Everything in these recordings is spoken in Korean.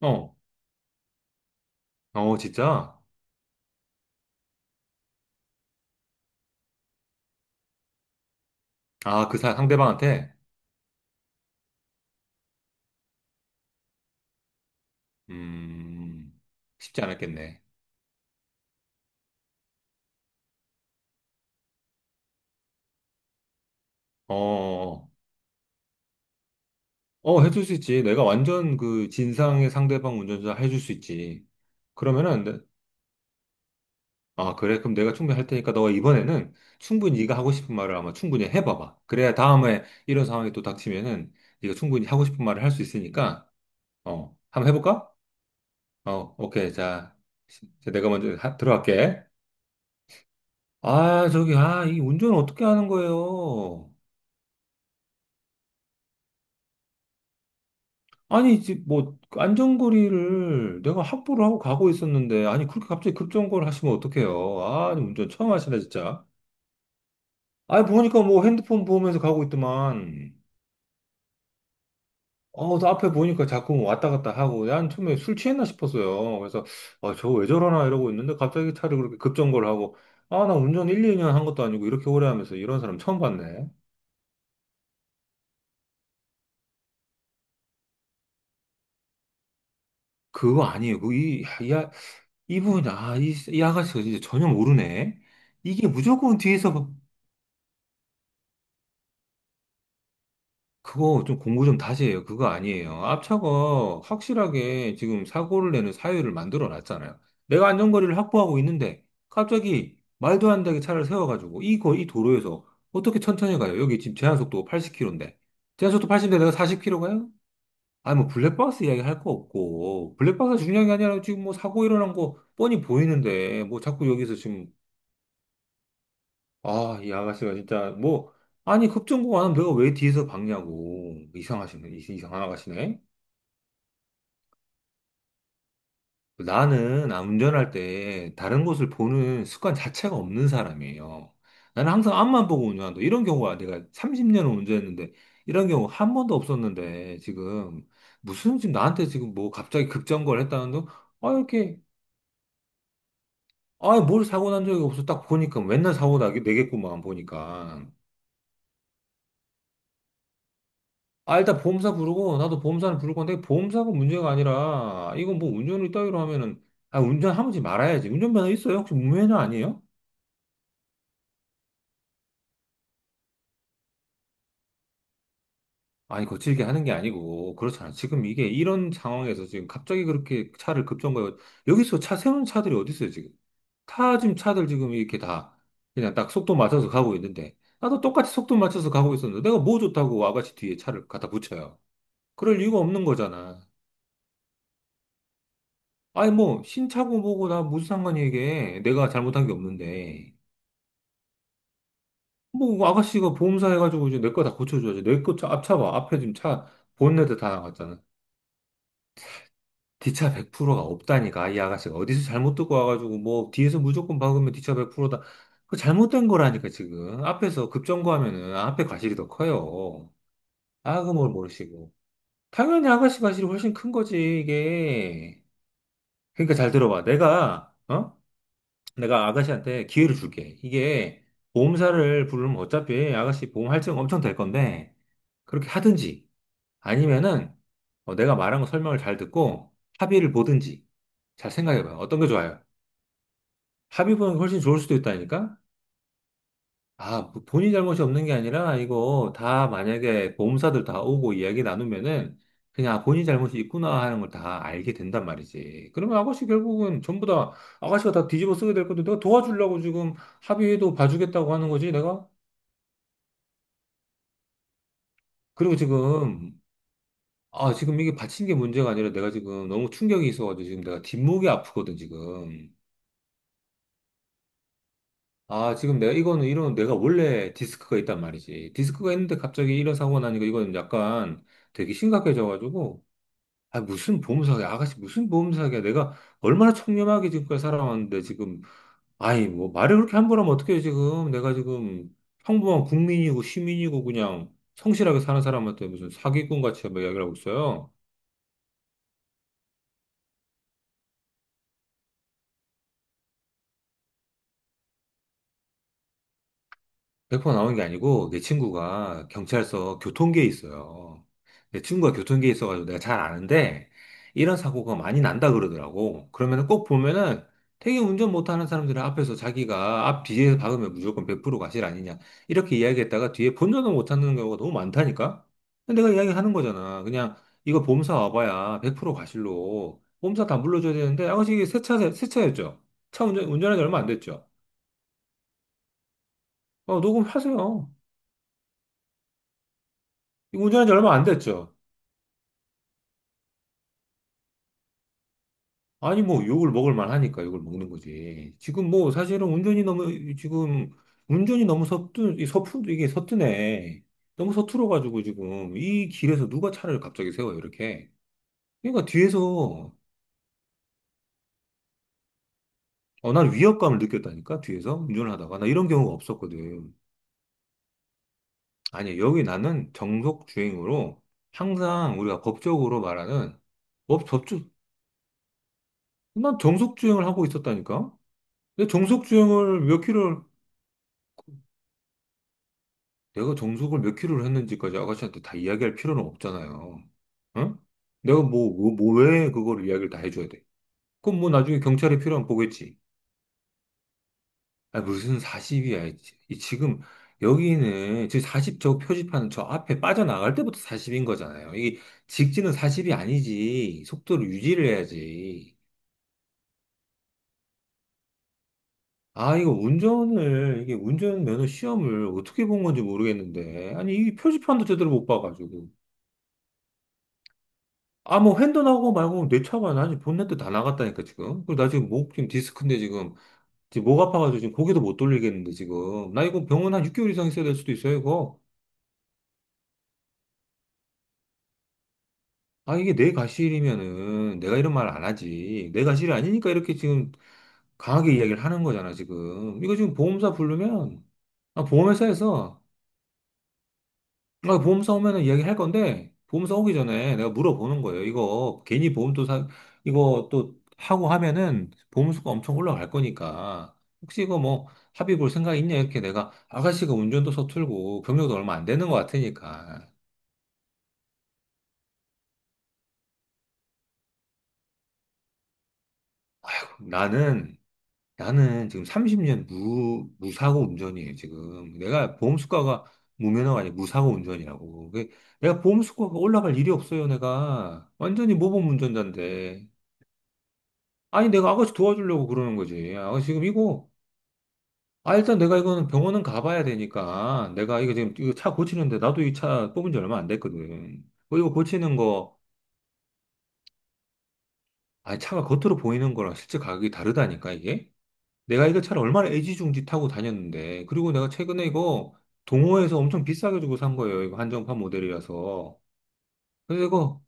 어, 어, 진짜? 아, 상대방한테? 음, 쉽지 않았겠네. 어, 어, 해줄 수 있지. 내가 완전 그 진상의 상대방 운전자 해줄 수 있지. 그러면은, 내- 아, 그래. 그럼 내가 충분히 할 테니까 너 이번에는 충분히 네가 하고 싶은 말을 아마 충분히 해봐봐. 그래야 다음에 이런 상황이 또 닥치면은 네가 충분히 하고 싶은 말을 할 수 있으니까, 어, 한번 해볼까? 어, 오케이. 자, 내가 먼저 들어갈게. 아, 저기, 아, 이 운전 어떻게 하는 거예요? 아니, 이제 뭐, 안전거리를 내가 확보를 하고 가고 있었는데, 아니, 그렇게 갑자기 급정거를 하시면 어떡해요. 아, 니 운전 처음 하시네, 진짜. 아, 보니까 뭐 핸드폰 보면서 가고 있더만, 어, 또 앞에 보니까 자꾸 뭐 왔다 갔다 하고, 난 처음에 술 취했나 싶었어요. 그래서, 아, 저 왜 저러나 이러고 있는데, 갑자기 차를 그렇게 급정거를 하고, 아, 나 운전 1, 2년 한 것도 아니고, 이렇게 오래 하면서 이런 사람 처음 봤네. 그거 아니에요. 야, 이 아가씨가 진짜 전혀 모르네. 이게 무조건 뒤에서 그거 좀 공부 좀 다시 해요. 그거 아니에요. 앞차가 확실하게 지금 사고를 내는 사유를 만들어 놨잖아요. 내가 안전거리를 확보하고 있는데 갑자기 말도 안 되게 차를 세워가지고 이 도로에서 어떻게 천천히 가요? 여기 지금 제한속도 80km인데. 제한속도 80인데 내가 40km 가요? 아니 뭐 블랙박스 이야기 할 거 없고 블랙박스가 중요한 게 아니라 지금 뭐 사고 일어난 거 뻔히 보이는데 뭐 자꾸 여기서 지금 아, 이 아가씨가 진짜 뭐 아니 급전공 안 하면 내가 왜 뒤에서 박냐고 이상하시네 이상한 아가씨네. 나는 아, 운전할 때 다른 곳을 보는 습관 자체가 없는 사람이에요. 나는 항상 앞만 보고 운전한다. 이런 경우가 내가 30년을 운전했는데 이런 경우 한 번도 없었는데 지금 무슨 지금 나한테 지금 뭐 갑자기 급정거를 했다는데 아 이렇게 아 뭘 사고 난 적이 없어 딱 보니까 맨날 사고 나게 되겠구만 보니까 아, 일단 보험사 부르고, 나도 보험사는 부를 건데, 보험사가 문제가 아니라, 이거 뭐 운전을 따위로 하면은, 아, 운전하지 말아야지. 운전면허 있어요? 혹시 무면허 아니에요? 아니, 거칠게 하는 게 아니고, 그렇잖아. 지금 이게 이런 상황에서 지금 갑자기 그렇게 차를 급정거해. 여기서 차 세우는 차들이 어디 있어요, 지금? 타 지금 차들 지금 이렇게 다 그냥 딱 속도 맞춰서 가고 있는데, 나도 똑같이 속도 맞춰서 가고 있었는데, 내가 뭐 좋다고 와같이 뒤에 차를 갖다 붙여요. 그럴 이유가 없는 거잖아. 아니 뭐 신차고 뭐고 나 무슨 상관이 이게 내가 잘못한 게 없는데 뭐 아가씨가 보험사 해가지고 이제 내 거 다 고쳐줘야지 내 거 차 앞차봐 앞에 지금 차 본네트 다 나갔잖아 뒤차 100%가 없다니까 이 아가씨가 어디서 잘못 듣고 와가지고 뭐 뒤에서 무조건 박으면 뒤차 100%다 그 잘못된 거라니까 지금 앞에서 급정거하면은 앞에 과실이 더 커요 아 그걸 모르시고 당연히 아가씨 과실이 훨씬 큰 거지 이게 그러니까 잘 들어봐 내가 어? 내가 아가씨한테 기회를 줄게. 이게 보험사를 부르면 어차피 아가씨 보험 할증 엄청 될 건데, 그렇게 하든지, 아니면은 어, 내가 말한 거 설명을 잘 듣고 합의를 보든지, 잘 생각해봐요. 어떤 게 좋아요? 합의 보는 게 훨씬 좋을 수도 있다니까? 아, 뭐 본인 잘못이 없는 게 아니라, 이거 다 만약에 보험사들 다 오고 이야기 나누면은, 그냥 아, 본인 잘못이 있구나 하는 걸 다 알게 된단 말이지. 그러면 아가씨 결국은 전부 다, 아가씨가 다 뒤집어 쓰게 될 건데, 내가 도와주려고 지금 합의해도 봐주겠다고 하는 거지, 내가? 그리고 지금, 아, 지금 이게 받친 게 문제가 아니라 내가 지금 너무 충격이 있어가지고 지금 내가 뒷목이 아프거든, 지금. 아, 지금 내가 이거는 이런, 내가 원래 디스크가 있단 말이지. 디스크가 있는데 갑자기 이런 사고가 나니까 이건 약간 되게 심각해져가지고, 아, 무슨 보험사기야. 아가씨, 무슨 보험사기야. 내가 얼마나 청렴하게 지금까지 살아왔는데, 지금. 아이, 뭐, 말을 그렇게 함부로 하면 어떡해, 지금. 내가 지금 평범한 국민이고, 시민이고, 그냥 성실하게 사는 사람한테 무슨 사기꾼 같이 막 이야기를 하고 있어요. 100% 나온 게 아니고 내 친구가 경찰서 교통계에 있어요. 내 친구가 교통계에 있어가지고 내가 잘 아는데 이런 사고가 많이 난다 그러더라고. 그러면 꼭 보면은 되게 운전 못하는 사람들 앞에서 자기가 앞 뒤에서 박으면 무조건 100% 과실 아니냐 이렇게 이야기했다가 뒤에 본전을 못 찾는 경우가 너무 많다니까. 근데 내가 이야기하는 거잖아. 그냥 이거 보험사 와봐야 100% 과실로 보험사 다 물러줘야 되는데 아가씨 이게 새 차, 새 차였죠. 차 운전, 운전한 지 얼마 안 됐죠. 어, 녹음하세요. 이거 운전한 지 얼마 안 됐죠. 아니, 뭐, 욕을 먹을 만하니까 욕을 먹는 거지. 지금 뭐, 사실은 운전이 너무, 지금, 운전이 너무 서툰, 이 서툰, 이게 서투네. 너무 서툴어가지고 지금, 이 길에서 누가 차를 갑자기 세워요, 이렇게. 그러니까 뒤에서, 어, 난 위협감을 느꼈다니까, 뒤에서 운전을 하다가. 나 이런 경우가 없었거든. 아니, 여기 나는 정속 주행으로 항상 우리가 법적으로 말하는, 법, 법주, 난 정속 주행을 하고 있었다니까? 내 정속 주행을 몇 킬로, 내가 정석을 몇 킬로를 했는지까지 아가씨한테 다 이야기할 필요는 없잖아요. 응? 내가 뭐 왜 그걸 이야기를 다 해줘야 돼? 그럼 뭐 나중에 경찰이 필요하면 보겠지. 아, 무슨 40이야. 지금 여기는 지금 40저 표지판 저 앞에 빠져나갈 때부터 40인 거잖아요. 이게 직진은 40이 아니지. 속도를 유지를 해야지. 아, 이거 운전을, 이게 운전면허 시험을 어떻게 본 건지 모르겠는데. 아니, 이 표지판도 제대로 못 봐가지고. 아, 뭐, 핸드 나오고 말고 내 차가 나 지금 본넷도 다 나갔다니까, 지금. 그리고 나 지금 목, 지금 디스크인데 지금. 지금 목 아파가지고 지금 고개도 못 돌리겠는데, 지금. 나 이거 병원 한 6개월 이상 있어야 될 수도 있어요, 이거. 아, 이게 내 가실이면은 내가 이런 말 안 하지. 내 가실이 아니니까 이렇게 지금 강하게 이야기를 하는 거잖아, 지금. 이거 지금 보험사 부르면, 아, 보험회사에서 아, 보험사 오면은 이야기할 건데, 보험사 오기 전에 내가 물어보는 거예요. 이거 괜히 이거 또 하고 하면은 보험수가 엄청 올라갈 거니까. 혹시 이거 뭐 합의 볼 생각 있냐? 이렇게 내가 아가씨가 운전도 서툴고 경력도 얼마 안 되는 것 같으니까. 나는, 나는 지금 30년 무사고 운전이에요, 지금. 내가 보험수가가 무면허가 아니라 무사고 운전이라고. 그게 내가 보험수가가 올라갈 일이 없어요, 내가. 완전히 모범 운전자인데. 아니, 내가 아가씨 도와주려고 그러는 거지. 아가씨 지금 이거, 아, 일단 내가 이거는 병원은 가봐야 되니까, 내가 이거 지금 이거 차 고치는데, 나도 이 차 뽑은 지 얼마 안 됐거든. 어, 이거 고치는 거, 아, 차가 겉으로 보이는 거랑 실제 가격이 다르다니까, 이게? 내가 이거 차를 얼마나 애지중지 타고 다녔는데, 그리고 내가 최근에 이거 동호회에서 엄청 비싸게 주고 산 거예요. 이거 한정판 모델이라서. 그래서 이거,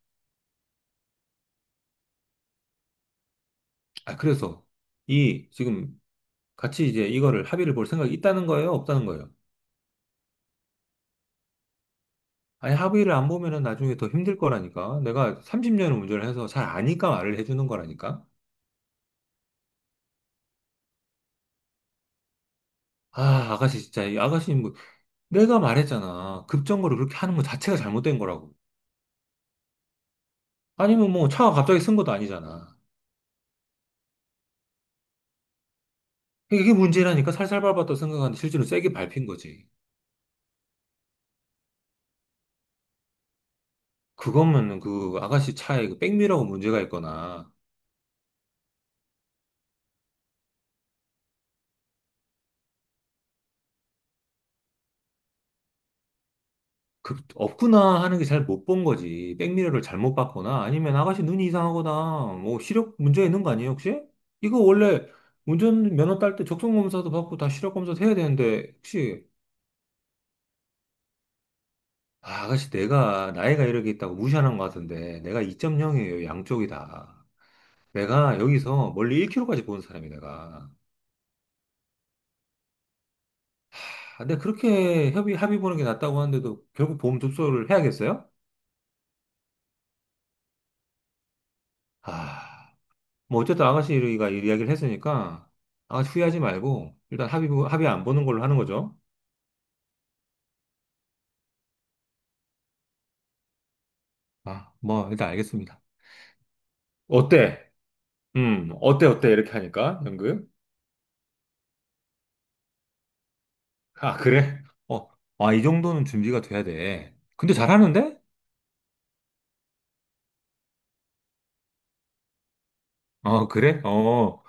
아, 그래서, 이, 지금 같이 이제 이거를 합의를 볼 생각이 있다는 거예요? 없다는 거예요? 아니, 합의를 안 보면은 나중에 더 힘들 거라니까. 내가 30년을 운전을 해서 잘 아니까 말을 해주는 거라니까. 아, 아가씨, 진짜, 이 아가씨, 뭐, 내가 말했잖아. 급정거를 그렇게 하는 거 자체가 잘못된 거라고. 아니면 뭐, 차가 갑자기 쓴 것도 아니잖아. 이게 문제라니까 살살 밟았다 생각하는데 실제로 세게 밟힌 거지. 그거면 그 아가씨 차에 그 백미러가 문제가 있거나, 그, 없구나 하는 게 잘 못 본 거지. 백미러를 잘못 봤거나 아니면 아가씨 눈이 이상하거나 뭐 시력 문제 있는 거 아니에요, 혹시? 이거 원래 운전면허 딸 때 적성검사도 받고 다 시력검사도 해야 되는데 혹시 아, 아가씨 내가 나이가 이렇게 있다고 무시하는 것 같은데 내가 2.0이에요, 양쪽이 다. 내가 여기서 멀리 1km까지 보는 사람이 내가. 아, 근데 그렇게 협의, 합의 보는 게 낫다고 하는데도 결국 보험 접수를 해야겠어요? 아. 뭐 어쨌든 아가씨가 이 이야기를 했으니까 아가씨 후회하지 말고 일단 합의 합의 안 보는 걸로 하는 거죠. 아, 뭐 일단 알겠습니다. 어때? 이렇게 하니까 연극? 아, 그래? 어, 아, 이 정도는 준비가 돼야 돼. 근데 잘하는데? 어, 그래? 어,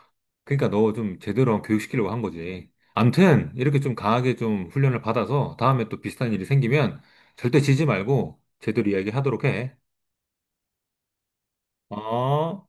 그러니까 너 좀 제대로 교육시키려고 한 거지. 암튼 이렇게 좀 강하게 좀 훈련을 받아서 다음에 또 비슷한 일이 생기면 절대 지지 말고 제대로 이야기하도록 해. 어?